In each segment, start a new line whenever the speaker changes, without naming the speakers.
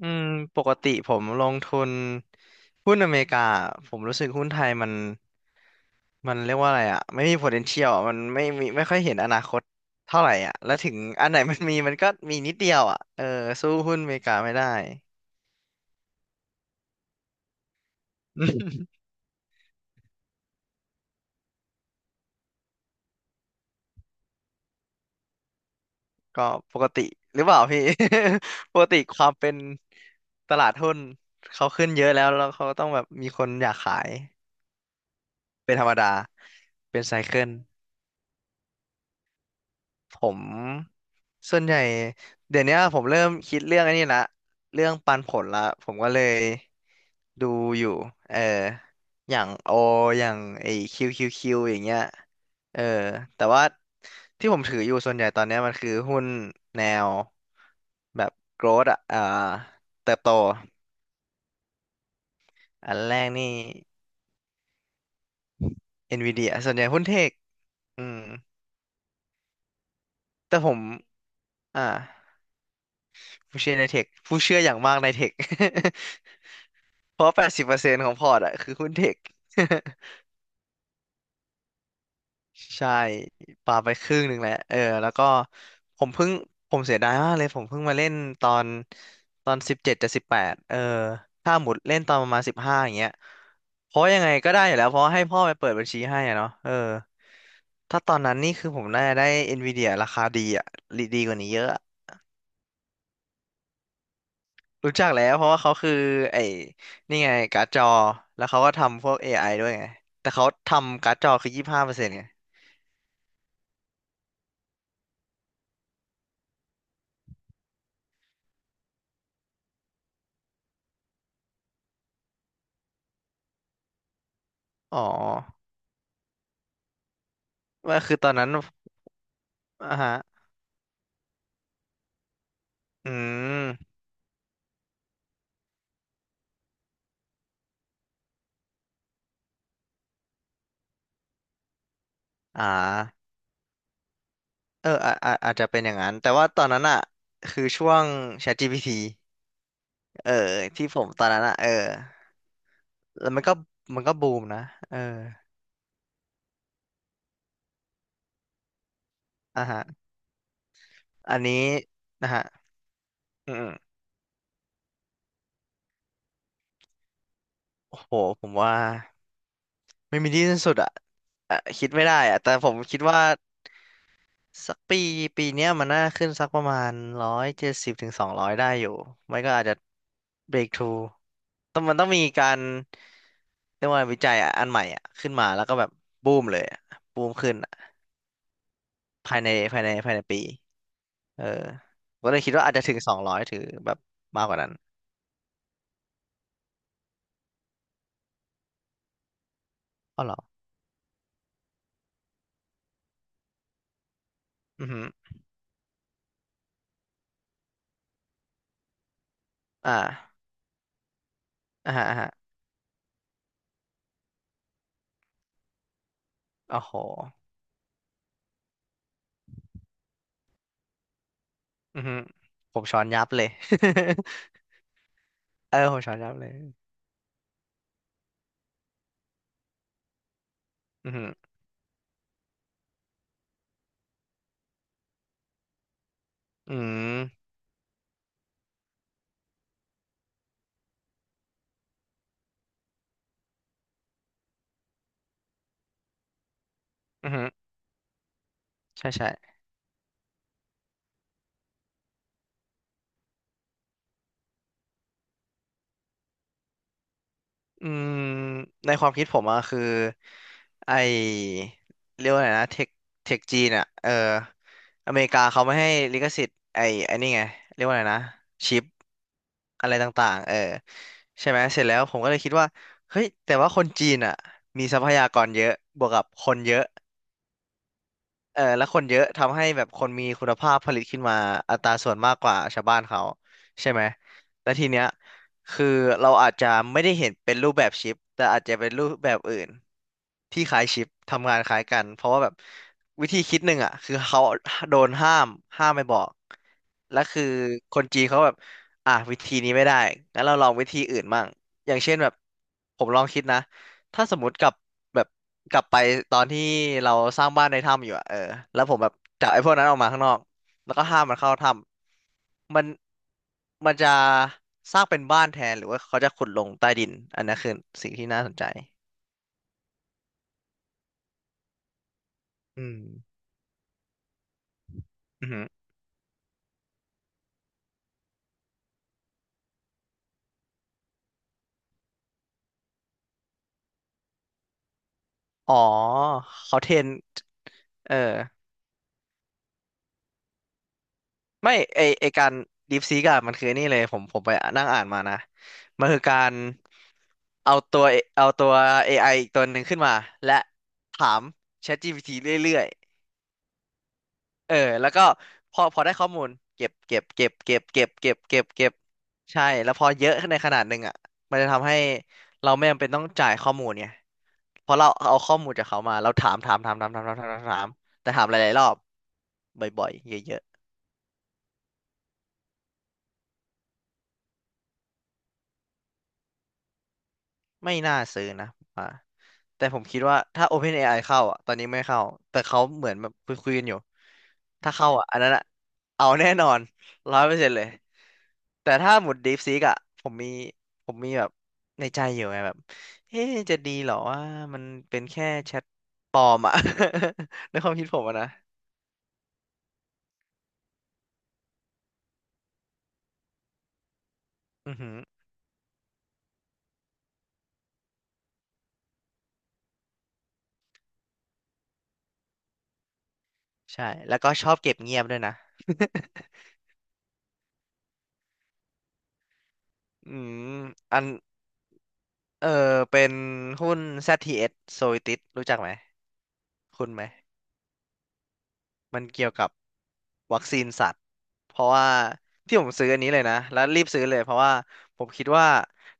อืมปกติผมลงทุนหุ้นอเมริกาผมรู้สึกหุ้นไทยมันเรียกว่าอะไรอ่ะไม่มี potential อะมันไม่มีไม่ค่อยเห็นอนาคตเท่าไหร่อ่ะแล้วถึงอันไหน มันมีมันก็มีนิดเดียวอ่ะเออสู้หุ้นอเมริกาไม่ได้ อืมก็ปกติหรือเปล่าพี่ ปกติความเป็นตลาดหุ้นเขาขึ้นเยอะแล้วเขาต้องแบบมีคนอยากขายเป็นธรรมดาเป็นไซเคิล ผมส่วนใหญ่เดี๋ยวเนี้ยผมเริ่มคิดเรื่องไอันนี้ละเรื่องปันผลละผมก็เลยดูอยู่เอออย่างโออย่างไอคิวคิวคิวอย่างเงี้ยเออแต่ว่าที่ผมถืออยู่ส่วนใหญ่ตอนเนี้ยมันคือหุ้นแนวแบบ growth อ่ะเติบโตอันแรกนี่ Nvidia ส่วนใหญ่หุ้นเทคอืมแต่ผมอ่าผู้เชื่อในเทคผู้เชื่ออย่างมากในเทค เพราะ80%ของพอร์ตอะคือหุ้นเทค ใช่ปาไปครึ่งหนึ่งแล้ว เออ แล้วก็ผมเพิ่ง ผมเสียดายมากเลย ผมเพิ่งมาเล่นตอนตอน17จะ18เออ ถ้าหมดเล่นตอนประมาณสิบห้าอย่างเงี้ยเพราะยังไงก็ได้อยู่แล้ว เพราะให้พ่อไปเปิดบัญชีให้อะเนาะเออ ถ้าตอนนั้นนี่คือผมน่าจะได้ Nvidia ราคาดีอะดีกว่านี้เยอะ รู้จักแล้วเพราะว่าเขาคือไอ้นี่ไงการ์ดจอแล้วเขาก็ทำพวก AI ด้วยไงแต่เขาทำการ์ดจอคือ25%ไงอ๋อว่าคือตอนนั้นอ่าฮะอืมอ่าเอออาจจะเป็นอย่างนั้นแต่ว่าตอนนั้นอ่ะคือช่วง ChatGPT เออที่ผมตอนนั้นอ่ะเออแล้วมันก็บูมนะเอออ่าฮะอันนี้นะฮะอืมๆโอ้โหผมว่าไม่มีที่สิ้นสุดอ่ะอ่ะคิดไม่ได้อ่ะแต่ผมคิดว่า สักปีปีเนี้ยมันน่าขึ้นสักประมาณ170ถึงสองร้อยได้อยู่ไม่ก็อาจจะเบรกทูต้องมันต้องมีการเรียกว่าวิจัยอะอันใหม่อ่ะขึ้นมาแล้วก็แบบบูมเลยอะบูมขึ้นอะภายในปี เออ ก็เลยคิดว่าอาจจะถึงสองร้อยถือแบบมากกว่านั้นอ๋อเหรออือหืออ่าอ่าฮะอ่าฮะโอ้โหอือหือผมช้อนยับเลย เออผมช้อนยับเลยอือหืออืมอือหือใช่ใช่ อืมในความคิดผมอะคือไอเรียกว่าไงนะเทคจีนอะเอออเมริกาเขาไม่ให้ลิขสิทธิ์ไอนี่ไงเรียกว่าไงนะชิปอะไรต่างๆเออใช่ไหมเสร็จแล้วผมก็เลยคิดว่าเฮ้ยแต่ว่าคนจีนอะมีทรัพยากรเยอะบวกกับคนเยอะ เออแล้วคนเยอะทำให้แบบคนมีคุณภาพผลิตขึ้นมาอัตราส่วนมากกว่าชาวบ้านเขาใช่ไหมและทีเนี้ยคือเราอาจจะไม่ได้เห็นเป็นรูปแบบชิปแต่อาจจะเป็นรูปแบบอื่นที่คล้ายชิปทำงานคล้ายกันเพราะว่าแบบวิธีคิดหนึ่งอ่ะคือเขาโดนห้ามห้ามไม่บอกและคือคนจีนเขาแบบอ่ะวิธีนี้ไม่ได้งั้นเราลองวิธีอื่นมั่งอย่างเช่นแบบผมลองคิดนะ ถ้าสมมติกลับแบบกลับไปตอนที่เราสร้างบ้านในถ้ำอยู่อะเออแล้วผมแบบจับไอ้พวกนั้นออกมาข้างนอกแล้วก็ห้ามมันเข้าถ้ำมันมันจะสร้างเป็นบ้านแทนหรือว่าเขาจะขุดลงใต้ดินอันนั้นคือสิ่งที่น่าสนใจอืมอือหืออ๋อเขาเทรนเออ ไม่ไอไอการดีฟซีกอะมันคือไอ้นี่เลยผมไปนั่งอ่านมานะมันคือการเอาตัวเอาตัว AI อไออีกตัวหนึ่งขึ้นมาและถาม ChatGPT เรื่อยๆเออแล้วก็พอพอได้ข้อมูลเก็บเก็บเก็บเก็บเก็บเก็บเก็บเก็บใช่แล้วพอเยอะขึ้นในขนาดหนึ่งอ่ะมันจะทำให้เราไม่จำเป็นต้องจ่ายข้อมูลไงเพราะเราเอาข้อมูลจากเขามาเราถามถามถามถามถามถามถามถามถามแต่ถามหลายๆรอบบ่อยๆเยอะ ไม่น่าซื้อนะผมว่าแต่ผมคิดว่าถ้า OpenAI เข้าอ่ะตอนนี้ไม่เข้า แต่เขาเหมือนแบบคุยคุยกันอยู่ ถ้าเข้าอ่ะอันนั้นอ่ะเอาแน่นอน100%เลย แต่ถ้าหมุด DeepSeek อ่ะผมมีผมมีแบบในใจอยู่ไงแบบเอ๊ะจะดีเหรอว่ามันเป็นแค่แชทปลอมอ่ะ ในความคิดผมอะนะอือหือใช่แล้วก็ชอบเก็บเงียบด้วยนะ อืมอันเออเป็นหุ้น ZTS Zoetis รู้จักไหม คุณไหมมันเกี่ยวกับวัคซีนสัตว์เพราะว่าที่ผมซื้ออันนี้เลยนะแล้วรีบซื้อเลยเพราะว่าผมคิดว่า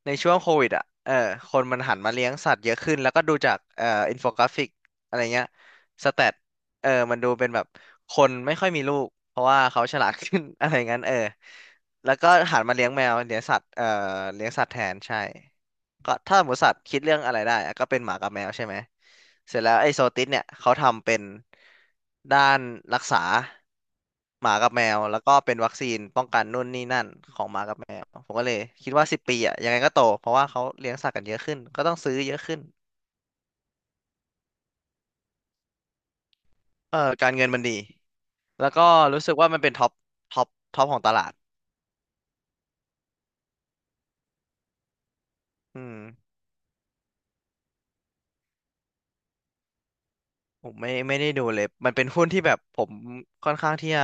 ในช่วงโควิดอ่ะเออคนมันหันมาเลี้ยงสัตว์เยอะขึ้นแล้วก็ดูจากอินโฟกราฟิกอะไรเงี้ยสแตทเออมันดูเป็นแบบคนไม่ค่อยมีลูกเพราะว่าเขาฉลาดขึ้น อะไรงั้นเออแล้วก็หันมาเลี้ยงแมวเลี้ยงสัตว์เลี้ยงสัตว์แทนใช่ ก็ถ้าหมูสัตว์คิดเรื่องอะไรได้อะก็เป็นหมากับแมวใช่ไหมเสร็จแล้วไอ้โซติสเนี่ยเขาทำเป็นด้านรักษาหมากับแมวแล้วก็เป็นวัคซีนป้องกันนู่นนี่นั่นของหมากับแมวผมก็เลยคิดว่าสิบปีอ่ะยังไงก็โตเพราะว่าเขาเลี้ยงสัตว์กันเยอะขึ้นก็ต้องซื้อเยอะขึ้นเออการเงินมันดีแล้วก็รู้สึกว่ามันเป็นท็อปท็อปท็อปของตลาดอืม ผมไม่ได้ดูเลย มันเป็นหุ้นที่แบบผมค่อนข้างที่จะ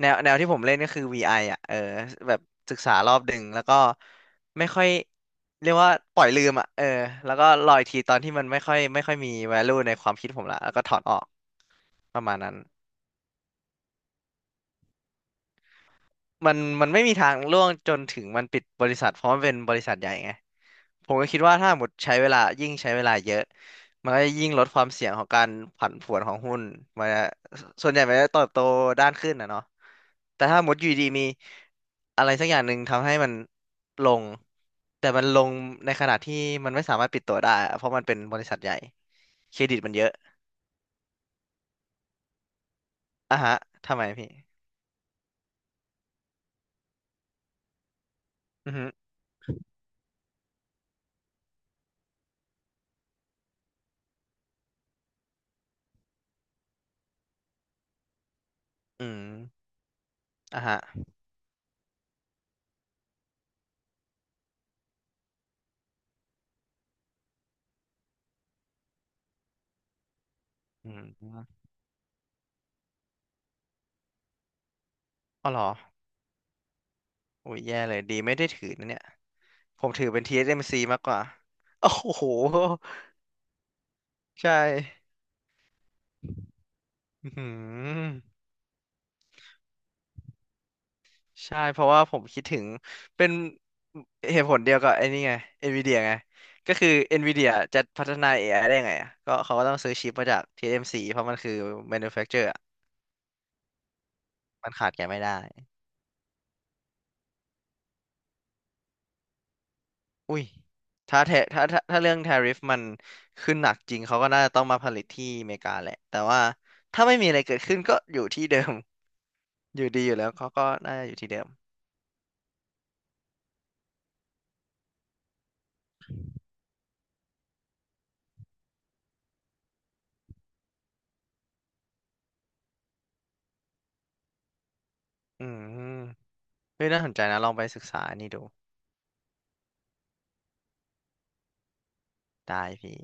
แนวที่ผมเล่นก็คือ VI ออ่ะเออแบบศึกษารอบดึงแล้วก็ไม่ค่อยเรียกว่าปล่อยลืมอ่ะเออแล้วก็รออีกทีตอนที่มันไม่ค่อยมี value ในความคิดผมละแล้วก็ถอนออกประมาณนั้น มันมันไม่มีทางล่วงจนถึงมันปิดบริษัทเพราะมันเป็นบริษัทใหญ่ไงผมก็คิดว่าถ้าหมดใช้เวลายิ่งใช้เวลาเยอะมันก็ยิ่งลดความเสี่ยงของการผันผวนของหุ้นมันจะส่วนใหญ่มันจะเติบโตด้านขึ้นนะเนาะแต่ถ้าหมดอยู่ดีมีอะไรสักอย่างหนึ่งทำให้มันลงแต่มันลงในขณะที่มันไม่สามารถปิดตัวได้อะเพราะมันเป็นบริษัทใหญ่เครดิตมันเยอะอ่ะฮะทำไมพี่อือฮึอืมอ่ะฮะอืมอ๋อเหรอ โอ้ยแย่เลยดีไม่ได้ถือนะเนี่ยผมถือเป็น TSMC มซีมากกว่าโอ้โหใช่อืมใช่เพราะว่าผมคิดถึงเป็นเหตุผลเดียวกับไอ้นี่ไง NVIDIA ไงก็คือ NVIDIA จะพัฒนา AI ไอได้ไงอะก็เขาก็ต้องซื้อชิปมาจาก TSMC เอ็มซีเพราะมันคือ manufacturer อะมันขาดแกไม่ได้อุ้ยถ้าแทถ้าถ้าถ้าเรื่อง tariff มันขึ้นหนักจริงเขาก็น่าจะต้องมาผลิตที่อเมริกาแหละแต่ว่าถ้าไม่มีอะไรเกิดขึ้นก็อยู่ที่เดิม อยู่ดีอยู่แล้วเขาก็น่าจะอยู่ที่เดิมอืมเฮ้ยน่าสนใจนะลองไปศึกษานี่ดูได้พี่